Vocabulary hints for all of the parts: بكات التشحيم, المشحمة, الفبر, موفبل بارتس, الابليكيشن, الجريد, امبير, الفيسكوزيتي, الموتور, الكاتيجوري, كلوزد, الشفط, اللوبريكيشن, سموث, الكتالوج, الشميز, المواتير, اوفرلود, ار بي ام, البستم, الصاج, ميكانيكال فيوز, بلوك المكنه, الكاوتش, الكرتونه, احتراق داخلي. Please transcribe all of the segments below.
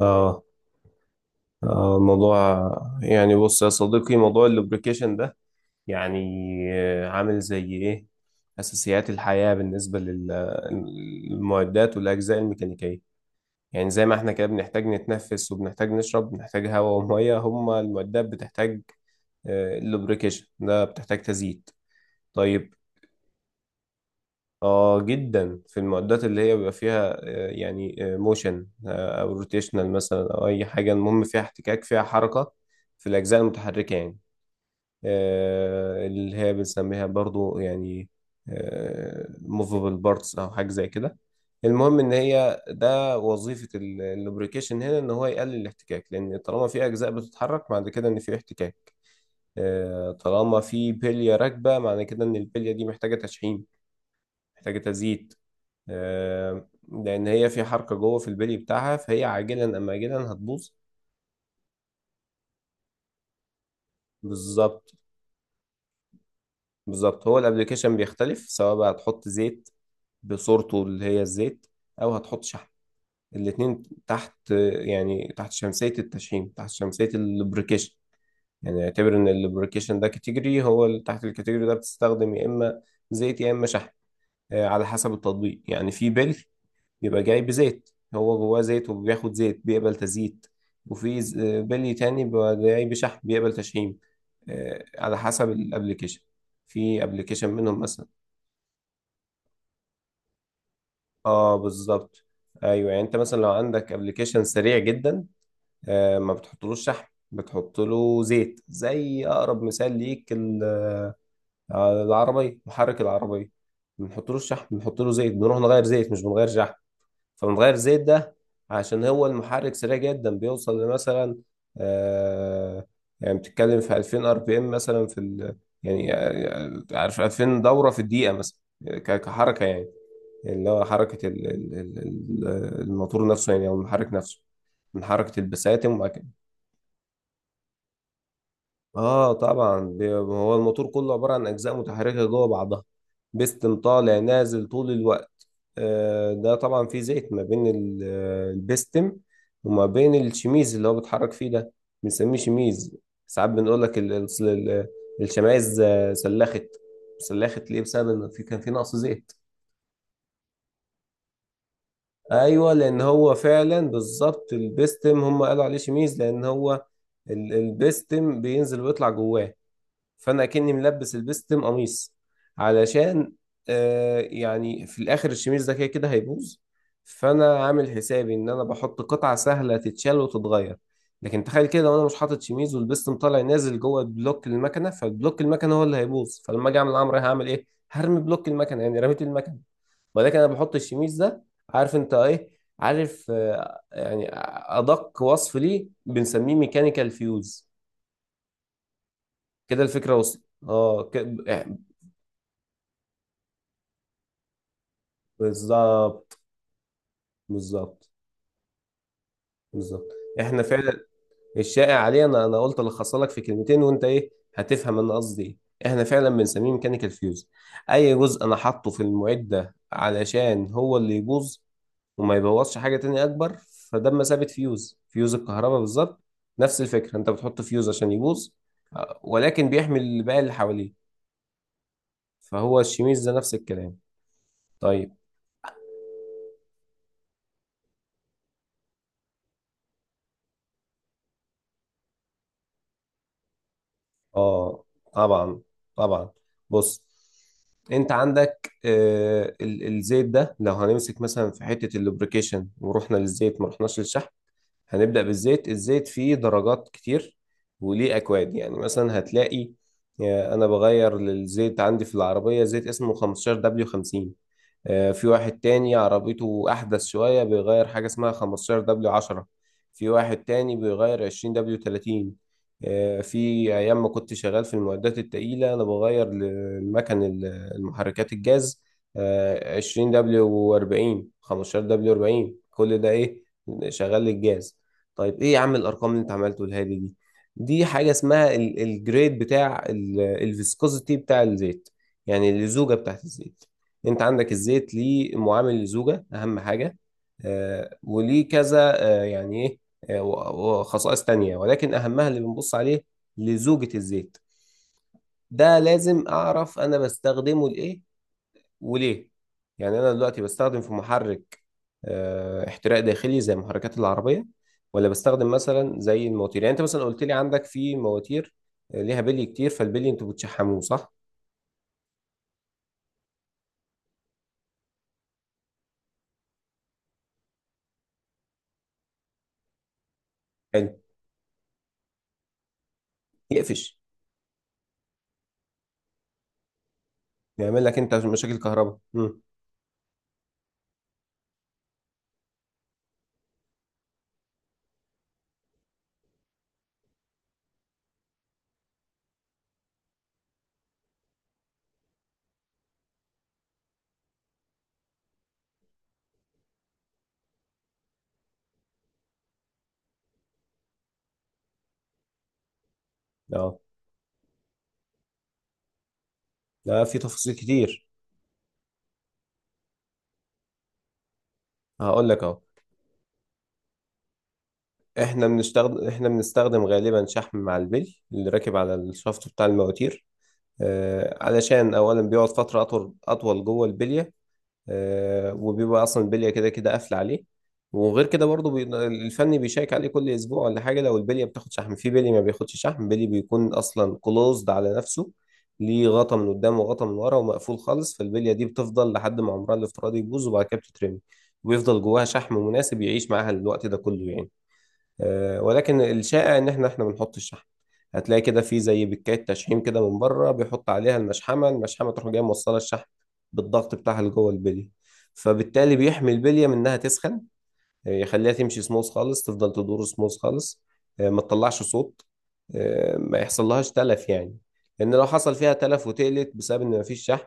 اه. الموضوع يعني بص يا صديقي، موضوع اللوبريكيشن ده يعني عامل زي ايه اساسيات الحياة بالنسبة للمعدات والاجزاء الميكانيكية. يعني زي ما احنا كده بنحتاج نتنفس وبنحتاج نشرب، بنحتاج هواء ومية، هما المعدات بتحتاج اللوبريكيشن ده، بتحتاج تزييت. طيب اه، جدا. في المعدات اللي هي بيبقى فيها يعني موشن او روتيشنال مثلا، او اي حاجه المهم فيها احتكاك، فيها حركه، في الاجزاء المتحركه يعني. اللي هي بنسميها برضو يعني موفبل بارتس او حاجه زي كده. المهم ان هي ده وظيفه اللوبريكيشن هنا، ان هو يقلل الاحتكاك. لان طالما في اجزاء بتتحرك، معنى كده ان في احتكاك. طالما في بليه راكبه، معنى كده ان البليه دي محتاجه تشحيم، محتاجه تزييت. لان هي في حركه جوه في البلي بتاعها، فهي عاجلا ام اجلا هتبوظ. بالظبط، بالظبط. هو الابلكيشن بيختلف، سواء بقى هتحط زيت بصورته اللي هي الزيت او هتحط شحم. الاتنين تحت، يعني تحت شمسيه التشحيم، تحت شمسيه اللوبريكيشن. يعني اعتبر ان اللوبريكيشن ده كاتيجوري، هو اللي تحت الكاتيجوري ده بتستخدم يا اما زيت يا اما شحم. على حسب التطبيق. يعني في بلي بيبقى جاي بزيت، هو جواه زيت وبياخد زيت، بيقبل تزييت. وفي بلي تاني بيبقى جاي بشحم، بيقبل تشحيم. على حسب الابليكيشن. في ابليكيشن منهم مثلا، اه بالظبط. ايوه يعني انت مثلا لو عندك ابليكيشن سريع جدا، ما بتحطلوش شحم، بتحط له زيت. زي اقرب مثال ليك العربيه، محرك العربيه، بنحط له الشحم، بنحط له زيت، بنروح نغير زيت مش بنغير شحم. فبنغير زيت ده عشان هو المحرك سريع جدا، بيوصل لمثلا آه يعني بتتكلم في 2000 ار بي ام مثلا، في يعني عارف، 2000 دورة في الدقيقة مثلا، كحركة يعني. اللي هو حركة الموتور نفسه يعني، أو المحرك نفسه، من حركة البساتم وبعد كده. اه طبعا، هو الموتور كله عبارة عن أجزاء متحركة جوه بعضها، بيستم طالع نازل طول الوقت. ده طبعا فيه زيت ما بين البستم وما بين الشميز اللي هو بيتحرك فيه ده. بنسميه شميز. ساعات بنقول لك الشمايز سلخت. سلخت ليه؟ بسبب ان كان في نقص زيت. ايوه، لان هو فعلا بالظبط البستم، هم قالوا عليه شميز لان هو البستم بينزل ويطلع جواه، فانا اكني ملبس البستم قميص علشان يعني في الاخر الشميز ده كده كده هيبوظ، فانا عامل حسابي ان انا بحط قطعه سهله تتشال وتتغير. لكن تخيل كده وانا مش حاطط شميز، والبستم طالع نازل جوه بلوك المكنه، فالبلوك المكنه هو اللي هيبوظ. فلما اجي اعمل الامر، هعمل ايه؟ هرمي بلوك المكنه، يعني رميت المكنه. ولكن انا بحط الشميز ده، عارف انت ايه، عارف يعني ادق وصف ليه بنسميه ميكانيكال فيوز. كده الفكره وصلت، اه بالظبط، بالظبط، بالظبط. احنا فعلا الشائع عليه، انا قلت الخص لك في كلمتين وانت ايه هتفهم انا قصدي ايه. احنا فعلا بنسميه ميكانيكال فيوز، اي جزء انا حاطه في المعده علشان هو اللي يبوظ وما يبوظش حاجه تانية اكبر. فده مثابه فيوز، فيوز الكهرباء بالظبط. نفس الفكره، انت بتحط فيوز عشان يبوظ ولكن بيحمي باقي اللي حواليه. فهو الشميز ده نفس الكلام. طيب اه، طبعا، طبعا. بص، انت عندك الزيت ده، لو هنمسك مثلا في حتة اللوبريكيشن ورحنا للزيت ما رحناش للشحم، هنبدأ بالزيت. الزيت فيه درجات كتير وليه أكواد، يعني مثلا هتلاقي أنا بغير للزيت عندي في العربية زيت اسمه 15W50. في واحد تاني عربيته أحدث شوية، بيغير حاجة اسمها 15 دبليو 10. في واحد تاني بيغير 20 دبليو 30. في أيام ما كنت شغال في المعدات التقيلة، أنا بغير للمكن المحركات الجاز 20 دبليو 40، 15 دبليو 40. كل ده إيه؟ شغال للجاز. طيب إيه يا عم الأرقام اللي أنت عملته الهادي دي؟ دي حاجة اسمها الجريد بتاع الفيسكوزيتي بتاع الزيت، يعني اللزوجة بتاعت الزيت. انت عندك الزيت ليه معامل الزوجة اهم حاجة. وليه كذا يعني ايه وخصائص تانية، ولكن اهمها اللي بنبص عليه لزوجة الزيت. ده لازم اعرف انا بستخدمه لايه وليه. يعني انا دلوقتي بستخدم في محرك احتراق داخلي زي محركات العربية؟ ولا بستخدم مثلا زي المواتير؟ يعني انت مثلا قلت لي عندك في مواتير ليها بلي كتير، فالبلي انتوا بتشحموه صح. حلو، يقفش، يعمل لك انت مشاكل كهرباء. اه لا، في تفاصيل كتير. هقول لك اهو. احنا بنستخدم غالبا شحم مع البلي اللي راكب على الشفط بتاع المواتير، علشان اولا بيقعد فتره اطول اطول جوه البليه. وبيبقى اصلا البليه كده كده قافله عليه. وغير كده برضه الفني بيشيك عليه كل اسبوع ولا حاجه. لو البليه بتاخد شحم. في بليه ما بياخدش شحم، بليه بيكون اصلا كلوزد على نفسه. ليه غطا من قدام وغطا من ورا، ومقفول خالص. فالبليه دي بتفضل لحد ما عمرها الافتراضي يبوظ، وبعد كده بتترمي، وبيفضل جواها شحم مناسب يعيش معاها الوقت ده كله يعني. ولكن الشائع ان احنا بنحط الشحم. هتلاقي كده في زي بكاية تشحيم كده من بره، بيحط عليها المشحمة. المشحمة تروح جاية موصلة الشحم بالضغط بتاعها لجوه البلية. فبالتالي بيحمي البلية من انها تسخن، يخليها تمشي سموث خالص، تفضل تدور سموث خالص، ما تطلعش صوت، ما يحصل لهاش تلف يعني. لان لو حصل فيها تلف وتقلت بسبب ان مفيش شحم،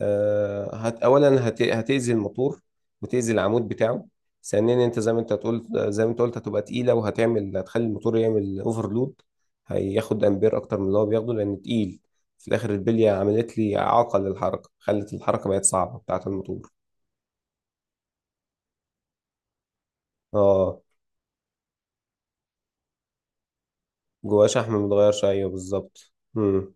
هتأذي الموتور وتأذي العمود بتاعه. ثانيا، انت زي ما انت تقول زي ما انت قلت، هتبقى تقيله، هتخلي الموتور يعمل اوفرلود، هياخد امبير اكتر من اللي هو بياخده لان تقيل. في الاخر البليه عملت لي اعاقه للحركه، خلت الحركه بقت صعبه بتاعه الموتور. اه، جواه شحم متغير، ايوه بالظبط.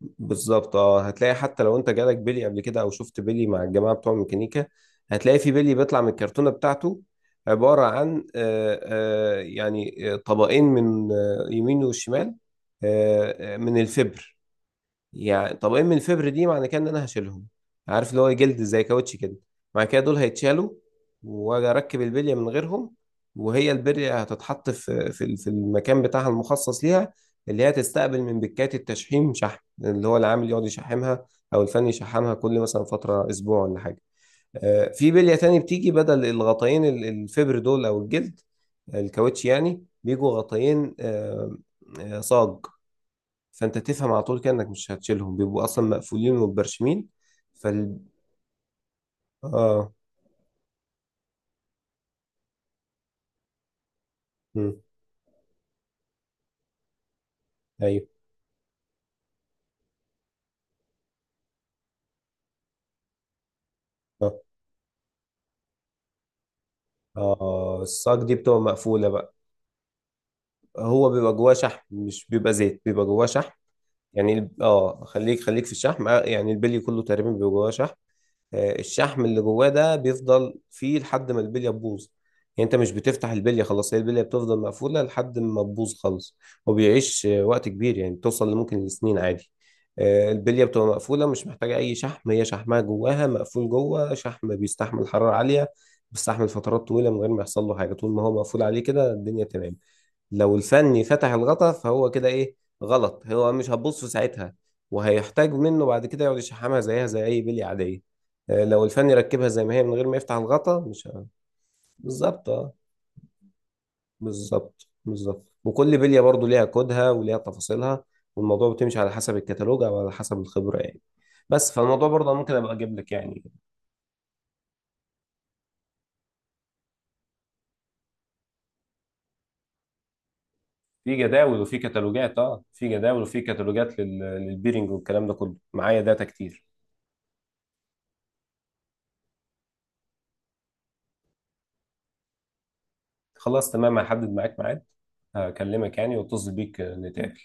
بالظبط. اه، هتلاقي حتى لو انت جالك بيلي قبل كده، او شفت بيلي مع الجماعه بتوع الميكانيكا، هتلاقي في بيلي بيطلع من الكرتونه بتاعته عباره عن طبقين من يمين وشمال، من الفبر. يعني طب ايه من فبر دي؟ معنى كده ان انا هشيلهم. عارف اللي هو جلد زي كاوتش كده، مع كده دول هيتشالوا، واجي اركب البليه من غيرهم. وهي البليه هتتحط في المكان بتاعها المخصص ليها، اللي هي تستقبل من بكات التشحيم شحن، اللي هو العامل يقعد يشحمها او الفني يشحمها كل مثلا فتره اسبوع ولا حاجه. في بليه تاني بتيجي بدل الغطاين الفبر دول، او الجلد الكاوتش يعني، بيجوا غطاين صاج. فانت تفهم على طول كده انك مش هتشيلهم، بيبقوا اصلا مقفولين ومبرشمين. فال اه. مم. ايوه. اه اه الصاج دي بتبقى مقفوله بقى. هو بيبقى جواه شحم، مش بيبقى زيت، بيبقى جواه شحم. يعني اه، خليك في الشحم. يعني البلي كله تقريبا بيبقى جواه شحم. الشحم اللي جواه ده بيفضل فيه لحد ما البليه تبوظ. يعني انت مش بتفتح البليه خلاص، هي البليه بتفضل مقفوله لحد ما تبوظ خالص. وبيعيش وقت كبير يعني، بتوصل لممكن لسنين عادي. البليه بتبقى مقفوله، مش محتاجه اي شحم، هي شحمها جواها مقفول. جوه شحم بيستحمل حراره عاليه، بيستحمل فترات طويله من غير ما يحصل له حاجه. طول ما هو مقفول عليه كده الدنيا تمام. لو الفني فتح الغطا فهو كده ايه؟ غلط. هو مش هتبص ساعتها، وهيحتاج منه بعد كده يقعد يشحمها زيها زي اي بلي عاديه. لو الفني ركبها زي ما هي من غير ما يفتح الغطا، مش بالظبط. اه بالظبط، بالظبط. وكل بليه برضو ليها كودها وليها تفاصيلها، والموضوع بتمشي على حسب الكتالوج او على حسب الخبره يعني. بس فالموضوع برضه ممكن ابقى اجيب لك يعني في جداول وفي كتالوجات. اه، في جداول وفي كتالوجات للبيرنج والكلام ده كله، معايا داتا كتير. خلاص تمام، هحدد معاك ميعاد، هكلمك يعني واتصل بيك نتقابل.